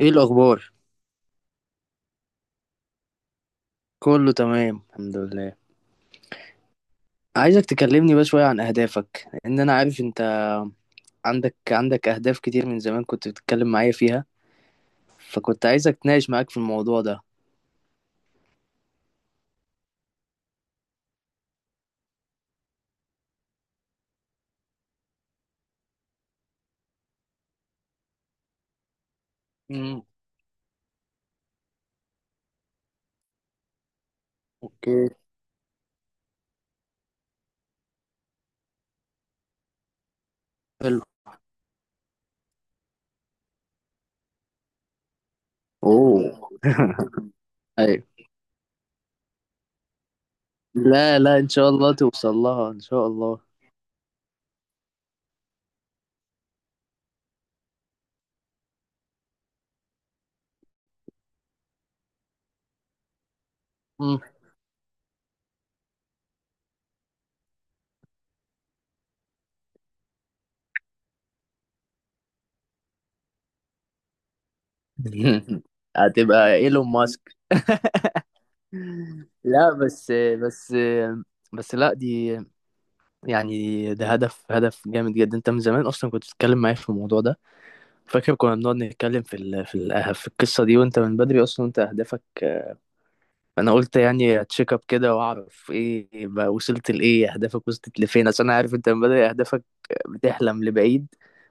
ايه الاخبار؟ كله تمام، الحمد لله. عايزك تكلمني بقى شويه عن اهدافك، لان انا عارف انت عندك اهداف كتير، من زمان كنت بتتكلم معايا فيها، فكنت عايزك اتناقش معاك في الموضوع ده. امم. اوكي. حلو. اوه. ايوه. لا، لا، ان شاء الله توصل لها ان شاء الله. امم. هتبقى ايلون ماسك. لا، بس بس، بس لا، دي يعني ده هدف جامد جدا. انت من زمان اصلا كنت بتتكلم معايا في الموضوع ده. فاكر كنا بنقعد نتكلم في ال في ال آه، في القصة دي، وانت من بدري اصلا، انت اهدافك، انا قلت يعني اتشيك اب كده، واعرف ايه بقى، وصلت لايه، اهدافك وصلت لفين، عشان انا عارف انت من بدري اهدافك بتحلم لبعيد،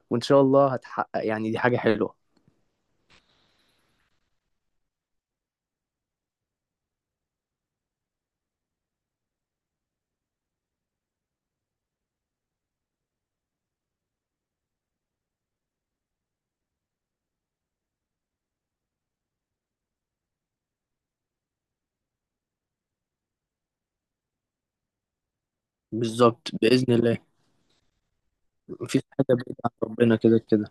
وان شاء الله هتحقق، يعني دي حاجة حلوة. بالظبط بإذن الله. مفيش حاجة بعيدة عن ربنا، كده كده.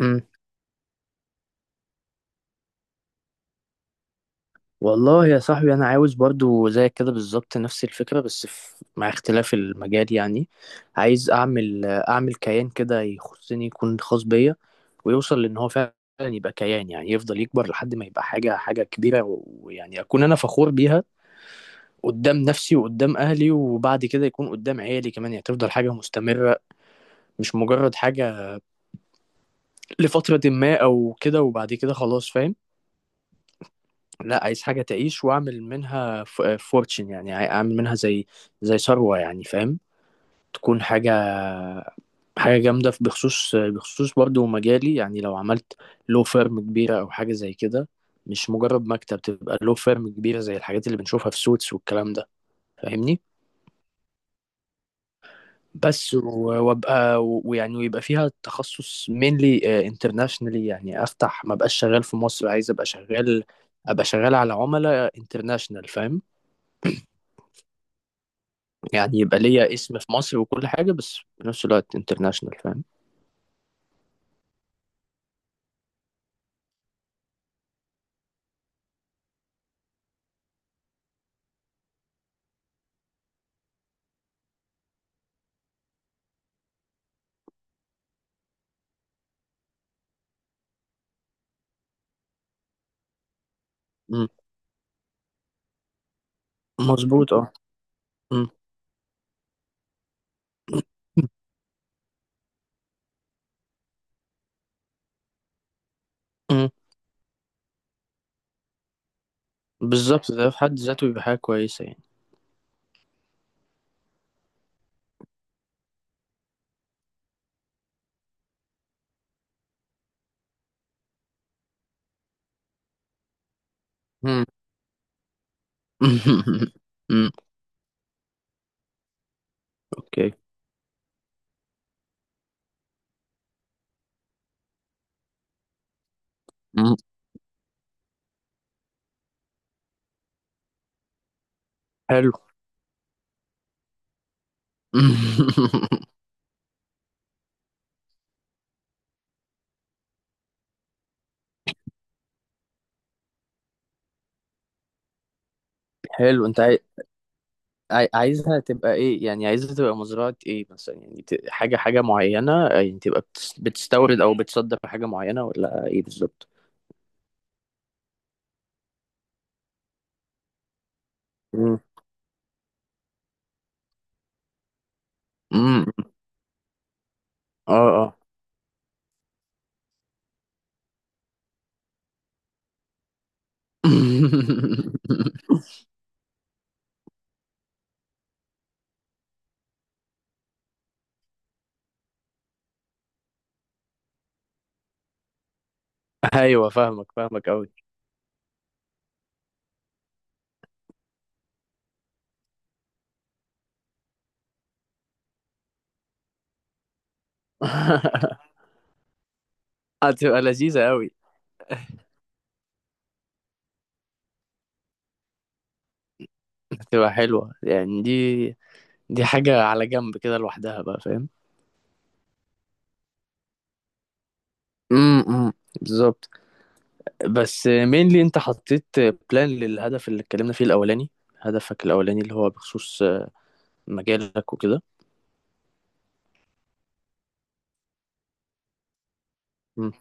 مم. والله يا صاحبي، انا عاوز برضو زي كده بالظبط، نفس الفكره بس في مع اختلاف المجال يعني. عايز اعمل كيان كده يخصني، يكون خاص بيا، ويوصل لان هو فعلا يبقى كيان، يعني يفضل يكبر لحد ما يبقى حاجه كبيره، ويعني اكون انا فخور بيها قدام نفسي وقدام اهلي، وبعد كده يكون قدام عيالي كمان، يعني تفضل حاجه مستمره، مش مجرد حاجه لفتره ما او كده، وبعد كده خلاص فاهم. لا، عايز حاجة تعيش واعمل منها فورتشن، يعني اعمل منها زي ثروة يعني فاهم، تكون حاجة جامدة بخصوص برضو مجالي، يعني لو فيرم كبيرة او حاجة زي كده، مش مجرد مكتب، تبقى لو فيرم كبيرة زي الحاجات اللي بنشوفها في سوتس والكلام ده، فاهمني؟ بس وابقى ويعني ويبقى فيها تخصص mainly انترناشونالي، يعني افتح، ما بقاش شغال في مصر، عايز ابقى شغال على عملاء انترناشونال فاهم، يعني يبقى ليا اسم في مصر وكل حاجة، بس في نفس الوقت انترناشونال فاهم. مم. مظبوط، اه. مم. مم. بالظبط، ده في حد ذاته يبقى حاجة كويسة يعني. مم. مم. اوكي. مم. حلو. حلو، انت عايزها تبقى ايه، يعني عايزها تبقى مزرعة ايه مثلا، يعني حاجة معينة، يعني تبقى بتستورد او بتصدر حاجة معينة، ولا ايه بالظبط؟ مم. مم. اه. اه. ايوه فاهمك فاهمك قوي. هتبقى لذيذة أوي. هتبقى حلوة، يعني دي حاجة على جنب كده لوحدها بقى فاهم. امم. بالظبط. بس مينلي انت حطيت بلان للهدف اللي اتكلمنا فيه الأولاني، هدفك الأولاني اللي هو بخصوص مجالك وكده. امم.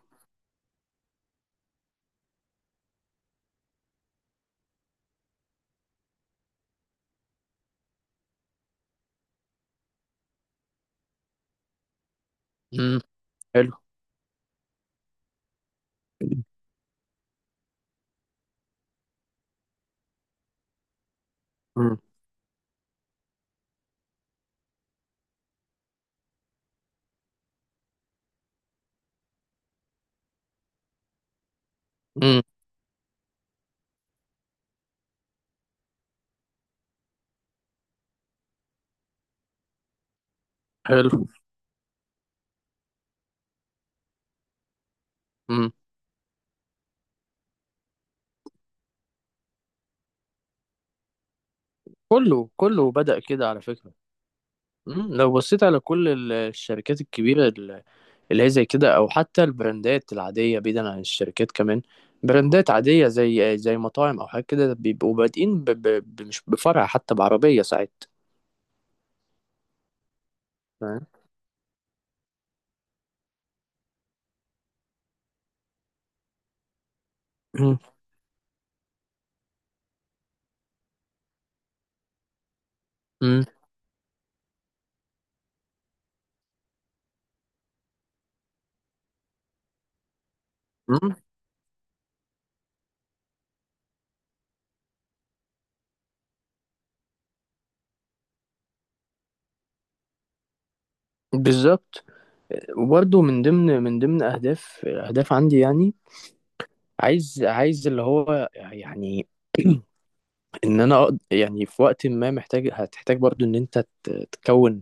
أمم. حلو. امم. أمم. حلو. امم. كله كله بدأ كده على فكرة. امم. لو بصيت على كل الشركات الكبيرة اللي هي زي كده، او حتى البراندات العاديه بعيدا عن الشركات كمان، براندات عاديه زي مطاعم او حاجه كده، بيبقوا بادئين مش بفرع حتى، بعربيه ساعات. فاهم؟ مم. مم. مم. بالظبط، وبرده من ضمن اهداف عندي يعني، عايز اللي هو يعني ان انا يعني في وقت ما هتحتاج برضو، ان انت تكون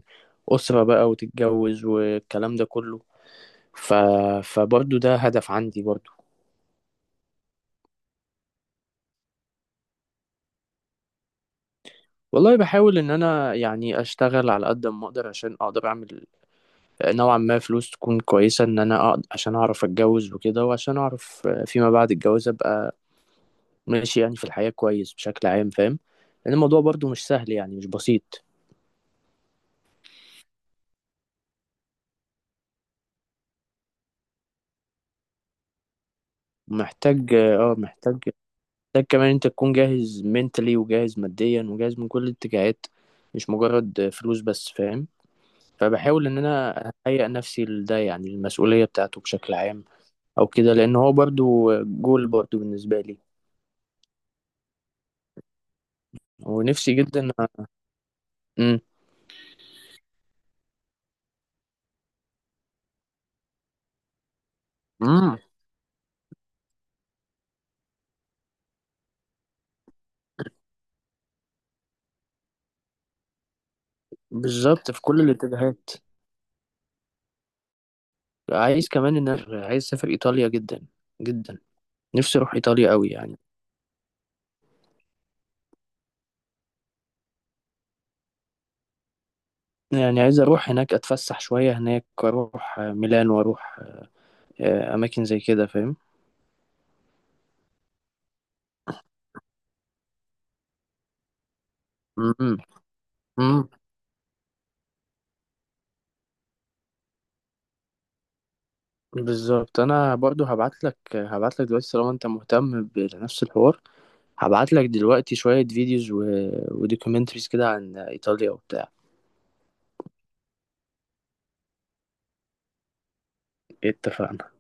اسره بقى وتتجوز والكلام ده كله، ف... فبرضو ده هدف عندي برضو. والله بحاول ان انا يعني اشتغل على قد ما اقدر، عشان اقدر اعمل نوعا ما فلوس تكون كويسه، ان انا أقدر عشان اعرف اتجوز وكده، وعشان اعرف فيما بعد الجواز ابقى ماشي، يعني في الحياه كويس بشكل عام فاهم، لان الموضوع برضو مش سهل، يعني مش بسيط. محتاج اه محتاج محتاج كمان انت تكون جاهز منتلي، وجاهز ماديا، وجاهز من كل الاتجاهات، مش مجرد فلوس بس فاهم، فبحاول ان انا اهيئ نفسي لده، يعني المسؤوليه بتاعته بشكل عام او كده، لان هو برضو جول برضو بالنسبه لي ونفسي جدا. امم. امم. بالظبط في كل الاتجاهات. عايز كمان عايز اسافر ايطاليا جدا جدا، نفسي اروح ايطاليا قوي يعني، يعني عايز اروح هناك اتفسح شويه هناك، واروح ميلان، واروح اماكن زي كده فاهم. امم. امم. بالظبط، انا برضو هبعت لك دلوقتي طالما انت مهتم بنفس الحوار، هبعت لك دلوقتي شويه فيديوز ودوكيومنتريز كده عن ايطاليا وبتاع. اتفقنا.